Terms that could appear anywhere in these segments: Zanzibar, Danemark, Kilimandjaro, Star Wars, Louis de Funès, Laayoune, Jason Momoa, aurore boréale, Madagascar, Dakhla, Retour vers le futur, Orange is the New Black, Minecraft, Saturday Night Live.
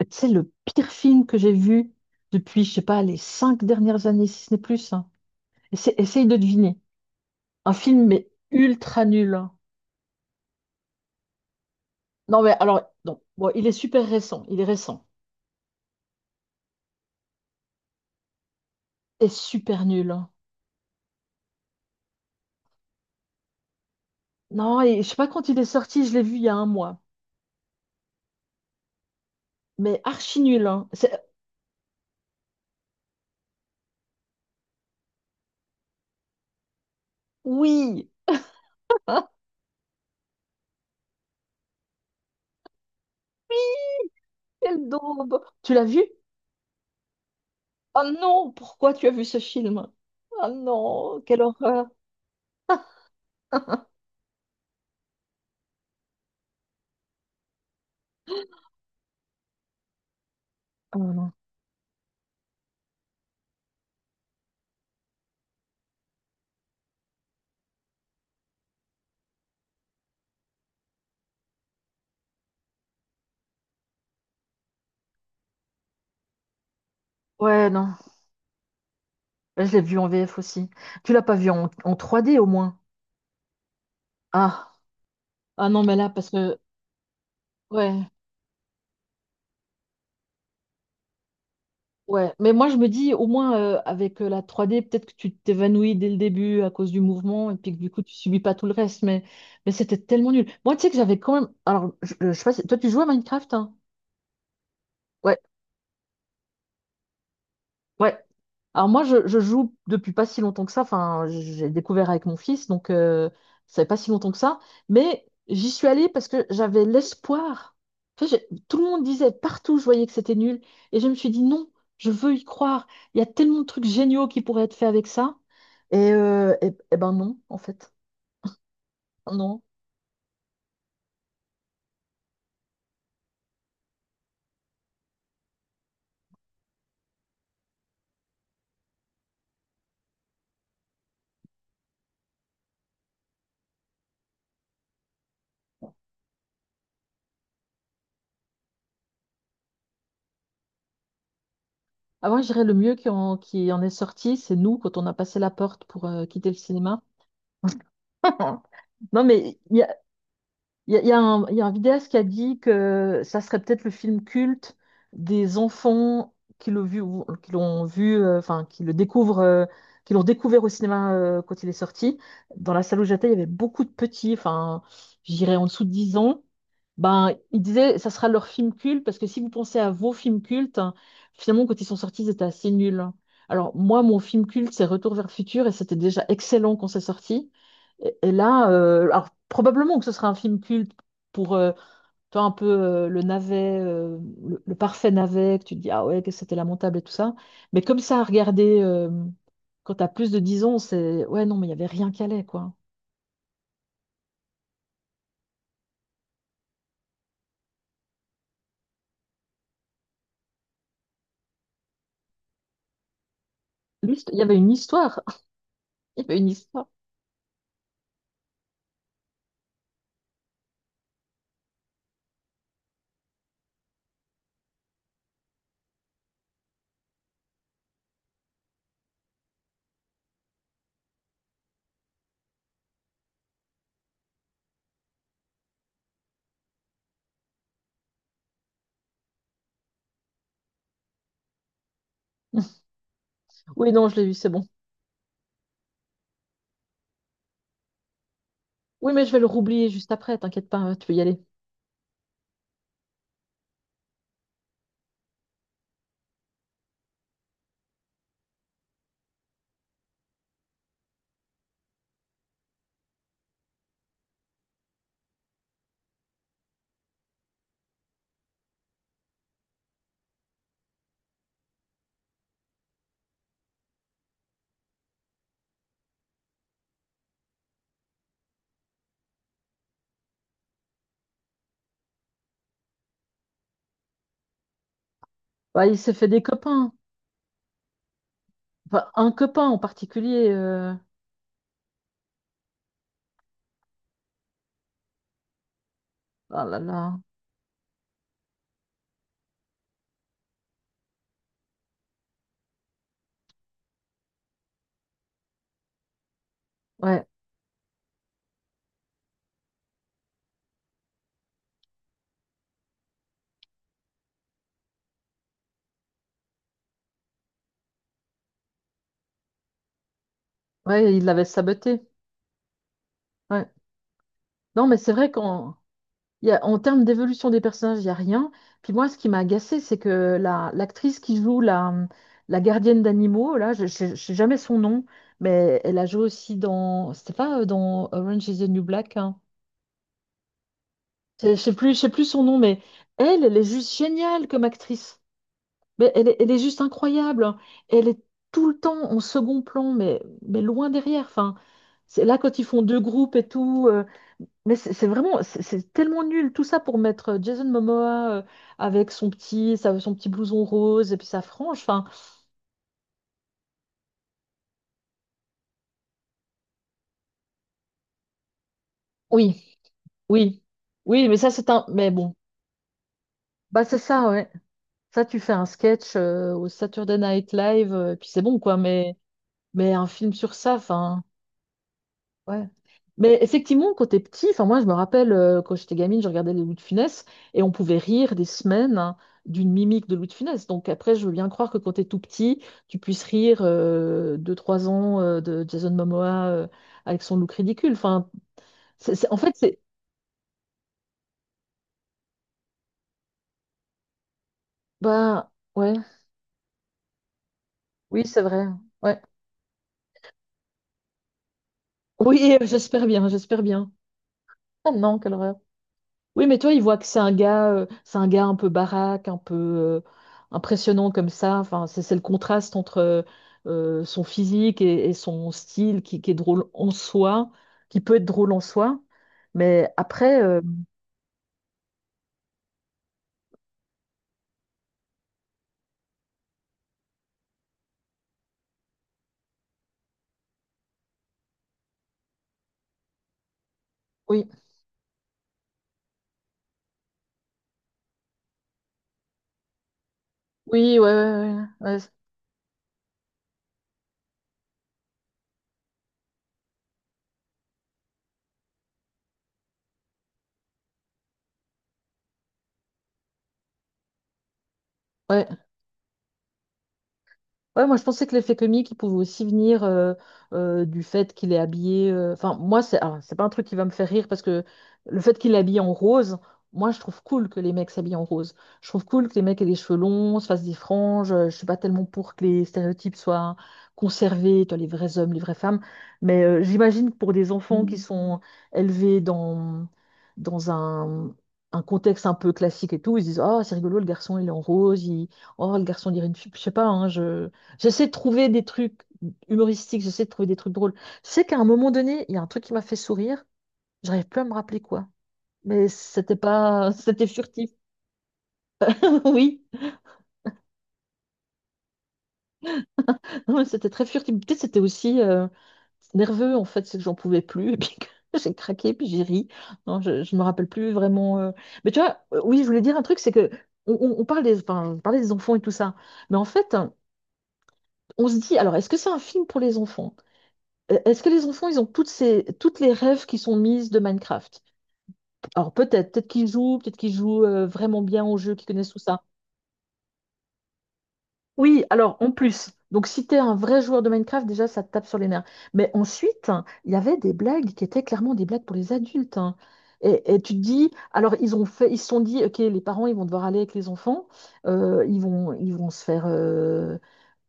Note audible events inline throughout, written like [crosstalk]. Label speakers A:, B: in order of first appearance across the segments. A: Tu sais, le pire film que j'ai vu depuis, je sais pas, les 5 dernières années, si ce n'est plus, hein. Essaye de deviner. Un film, mais ultra nul, hein. Non, mais alors, non. Bon, il est super récent. Il est récent. Et super nul, hein. Non, et je sais pas quand il est sorti, je l'ai vu il y a un mois. Mais archi nul, hein. C'est. Oui, quelle daube. Tu l'as vu? Oh non, pourquoi tu as vu ce film? Oh non, quelle horreur. [laughs] Oh non. Ouais, non. Bah, je l'ai vu en VF aussi. Tu l'as pas vu en 3D au moins? Ah, ah non, mais là, parce que, ouais, ouais. Mais moi, je me dis, au moins, avec la 3D peut-être que tu t'évanouis dès le début à cause du mouvement et puis que du coup, tu subis pas tout le reste. Mais c'était tellement nul. Moi, tu sais que j'avais quand même. Alors, je sais pas si. Toi, tu joues à Minecraft, hein? Ouais, ouais. Alors moi, je joue depuis pas si longtemps que ça. Enfin, j'ai découvert avec mon fils, donc ça fait pas si longtemps que ça. Mais j'y suis allée parce que j'avais l'espoir. Tu sais, tout le monde disait partout, je voyais que c'était nul. Et je me suis dit non, je veux y croire. Il y a tellement de trucs géniaux qui pourraient être faits avec ça. Et ben non, en fait. Non. Avant, je dirais le mieux qui en est sorti, c'est nous quand on a passé la porte pour quitter le cinéma. [laughs] Non, mais il y a un, il y a un vidéaste qui a dit que ça serait peut-être le film culte des enfants qui l'ont vu, qui l'ont vu, enfin, qui le découvrent, qui l'ont découvert au cinéma quand il est sorti. Dans la salle où j'étais, il y avait beaucoup de petits, enfin, je dirais en dessous de 10 ans. Ben, il disait ça sera leur film culte parce que si vous pensez à vos films cultes, hein, finalement, quand ils sont sortis, ils étaient assez nuls, hein. Alors, moi, mon film culte, c'est Retour vers le futur et c'était déjà excellent quand c'est sorti. Et là, alors probablement que ce sera un film culte pour toi un peu le navet, le parfait navet, que tu te dis ah ouais, que c'était lamentable et tout ça. Mais comme ça, à regarder quand t'as plus de 10 ans, c'est ouais, non, mais il n'y avait rien qu'à allait, quoi. Il y avait une histoire. [laughs] Il y avait une histoire. Oui, non, je l'ai vu, c'est bon. Oui, mais je vais le roublier juste après, t'inquiète pas, hein, tu peux y aller. Bah, il s'est fait des copains. Enfin, un copain en particulier. Oh là là. Ouais, ouais, il l'avait saboté. Ouais. Non, mais c'est vrai qu'en en termes d'évolution des personnages, il n'y a rien. Puis moi, ce qui m'a agacé, c'est que l'actrice qui joue la gardienne d'animaux, là, je ne sais jamais son nom, mais elle a joué aussi dans. C'était pas dans Orange is the New Black, hein. Je ne sais plus, je sais plus son nom, mais elle est juste géniale comme actrice. Mais elle est juste incroyable, hein. Elle est tout le temps en second plan, mais loin derrière. Enfin, c'est là, quand ils font deux groupes et tout. Mais c'est vraiment, c'est tellement nul, tout ça pour mettre Jason Momoa avec son petit, son petit blouson rose et puis sa frange. Enfin, oui, oui, oui, mais ça c'est un, mais bon, bah c'est ça, ouais. Ça tu fais un sketch au Saturday Night Live, et puis c'est bon quoi. Mais un film sur ça, enfin. Ouais. Mais effectivement, quand t'es petit, enfin moi je me rappelle quand j'étais gamine, je regardais les Louis de Funès et on pouvait rire des semaines hein, d'une mimique de Louis de Funès. Donc après, je veux bien croire que quand t'es tout petit, tu puisses rire de 3 ans de Jason Momoa avec son look ridicule. Enfin, en fait, c'est bah ouais, oui, c'est vrai. Ouais. Oui, [laughs] j'espère bien, j'espère bien. Oh non, quelle horreur. Oui, mais toi, il voit que c'est un gars un peu baraque, un peu impressionnant comme ça. Enfin, c'est le contraste entre son physique et son style qui est drôle en soi, qui peut être drôle en soi. Mais après, oui, oui, ouais, ouais, ouais, ouais, ouais. Ouais, moi je pensais que l'effet comique il pouvait aussi venir du fait qu'il est habillé. Enfin, moi c'est alors, c'est pas un truc qui va me faire rire parce que le fait qu'il est habillé en rose, moi je trouve cool que les mecs s'habillent en rose. Je trouve cool que les mecs aient des cheveux longs, se fassent des franges. Je suis pas tellement pour que les stéréotypes soient conservés, tu vois, les vrais hommes, les vraies femmes. Mais j'imagine que pour des enfants qui sont élevés dans un contexte un peu classique et tout, ils se disent oh c'est rigolo le garçon il est en rose. Oh le garçon dirait une fille, je sais pas, hein, je J'essaie de trouver des trucs humoristiques, j'essaie de trouver des trucs drôles. Je sais qu'à un moment donné, il y a un truc qui m'a fait sourire. J'arrive plus à me rappeler quoi. Mais c'était pas, [laughs] c'était furtif. [laughs] Oui, non, mais c'était très furtif. Peut-être c'était aussi nerveux en fait, c'est que j'en pouvais plus [laughs] et puis que [laughs] j'ai craqué puis j'ai ri. Non, je me rappelle plus vraiment. Mais tu vois, oui, je voulais dire un truc, c'est que on parle des, enfin, on parlait des enfants et tout ça. Mais en fait, on se dit, alors est-ce que c'est un film pour les enfants? Est-ce que les enfants, ils ont toutes ces, toutes les rêves qui sont mises de Minecraft? Alors peut-être, peut-être qu'ils jouent vraiment bien au jeu, qu'ils connaissent tout ça. Oui, alors en plus. Donc si t'es un vrai joueur de Minecraft, déjà ça te tape sur les nerfs. Mais ensuite, il y avait des blagues qui étaient clairement des blagues pour les adultes, hein. Et tu te dis, alors ils ont fait, ils se sont dit, ok, les parents ils vont devoir aller avec les enfants, ils vont se faire,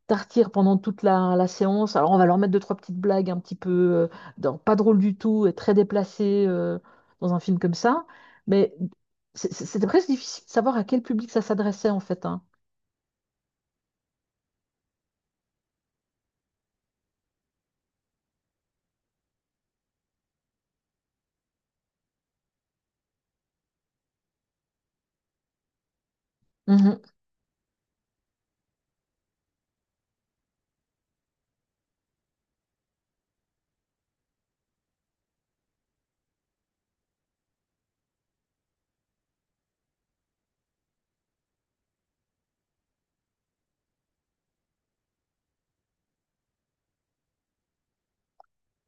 A: tartir pendant toute la séance. Alors, on va leur mettre deux, trois petites blagues un petit peu pas drôles du tout et très déplacées dans un film comme ça. Mais c'était presque difficile de savoir à quel public ça s'adressait, en fait, hein. Mhm.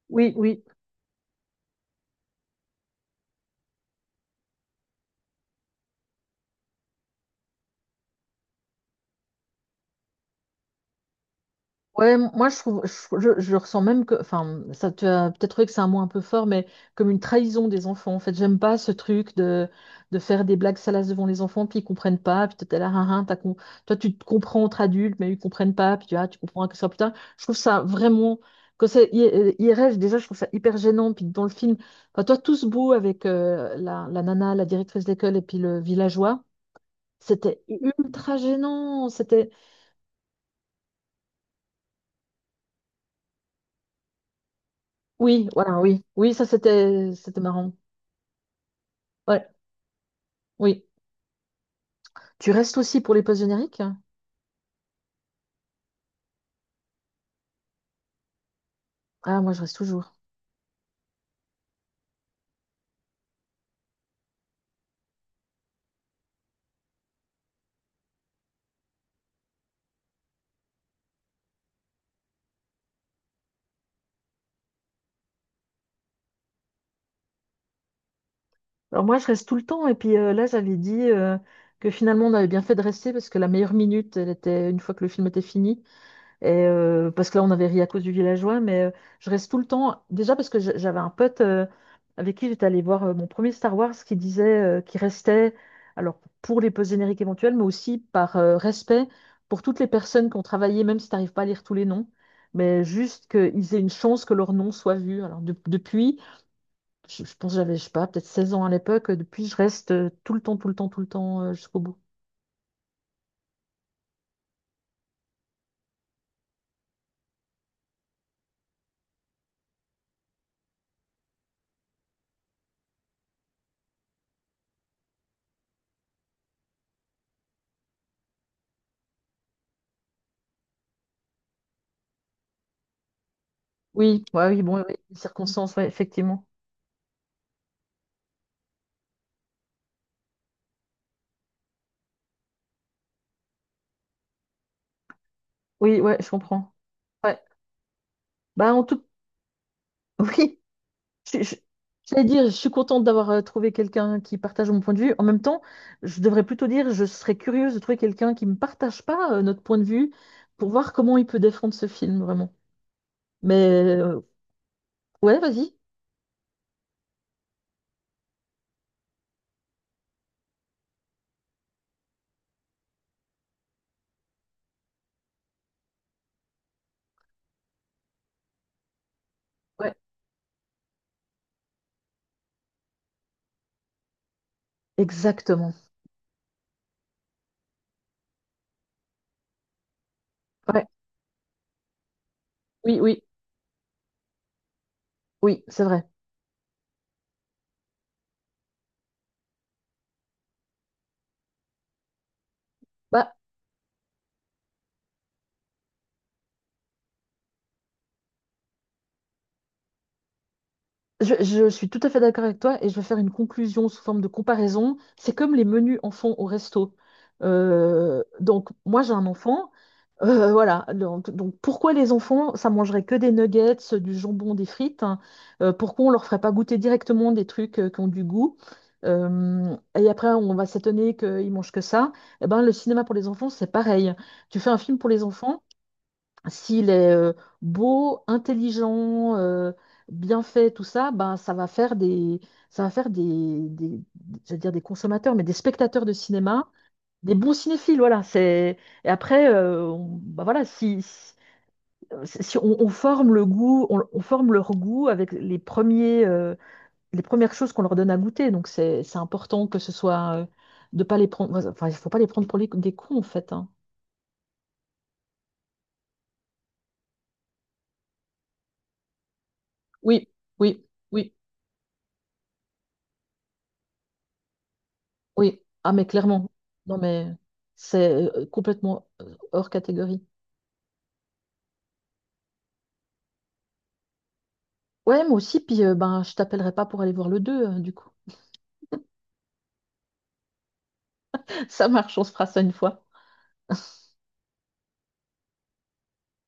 A: Oui, oui. Ouais, moi je trouve, je ressens même que, enfin, ça tu as peut-être trouvé que c'est un mot un peu fort, mais comme une trahison des enfants. En fait, j'aime pas ce truc de faire des blagues salaces devant les enfants, puis ils comprennent pas, puis t'es là, hein, hein, toi tu te comprends entre adultes, mais ils comprennent pas, puis tu, ah, tu comprends que ça plus tard. Je trouve ça vraiment, quand c'est IRL, déjà je trouve ça hyper gênant, puis dans le film, enfin, toi tout ce beau avec la nana, la directrice d'école, et puis le villageois, c'était ultra gênant, c'était. Oui, voilà, oui, oui, ça c'était marrant. Ouais, oui. Tu restes aussi pour les postes génériques? Ah, moi, je reste toujours. Alors, moi, je reste tout le temps. Et puis là, j'avais dit que finalement, on avait bien fait de rester parce que la meilleure minute, elle était une fois que le film était fini. Et, parce que là, on avait ri à cause du villageois, mais je reste tout le temps. Déjà parce que j'avais un pote avec qui j'étais allée voir mon premier Star Wars qui disait qu'il restait, alors pour les post-génériques éventuels, mais aussi par respect pour toutes les personnes qui ont travaillé, même si tu n'arrives pas à lire tous les noms, mais juste qu'ils aient une chance que leur nom soit vu. Alors depuis, je pense que j'avais, je sais pas, peut-être 16 ans à l'époque, depuis, je reste tout le temps, tout le temps, tout le temps jusqu'au bout. Oui, ouais, oui, bon, oui, les circonstances, ouais, effectivement. Oui, ouais, je comprends. Ouais. Bah, en tout, [laughs] oui, je, je- j'allais dire, je suis contente d'avoir trouvé quelqu'un qui partage mon point de vue. En même temps, je devrais plutôt dire, je serais curieuse de trouver quelqu'un qui ne partage pas notre point de vue pour voir comment il peut défendre ce film, vraiment. Mais euh, ouais, vas-y. Ouais, exactement. Ouais, oui, oui, oui, c'est vrai. Bah, je suis tout à fait d'accord avec toi et je vais faire une conclusion sous forme de comparaison. C'est comme les menus enfants au resto. Donc, moi, j'ai un enfant. Voilà, donc pourquoi les enfants, ça mangerait que des nuggets, du jambon, des frites, hein? Pourquoi on leur ferait pas goûter directement des trucs qui ont du goût? Et après, on va s'étonner qu'ils mangent que ça. Eh ben, le cinéma pour les enfants, c'est pareil. Tu fais un film pour les enfants, s'il est beau, intelligent, bien fait, tout ça, ben, ça va faire des, ça va faire des, des, j'allais dire des consommateurs, mais des spectateurs de cinéma des bons cinéphiles, voilà. C'est. Et après, bah voilà, si on, forme le goût, on forme leur goût avec les premiers, les premières choses qu'on leur donne à goûter. Donc c'est important que ce soit de pas les prendre. Enfin, il faut pas les prendre pour des cons en fait, hein. Oui, oui, oui, oui. Ah mais clairement. Non mais c'est complètement hors catégorie. Ouais, moi aussi. Puis ben, je t'appellerai pas pour aller voir le 2, du coup. [laughs] Ça marche, on se fera ça une fois.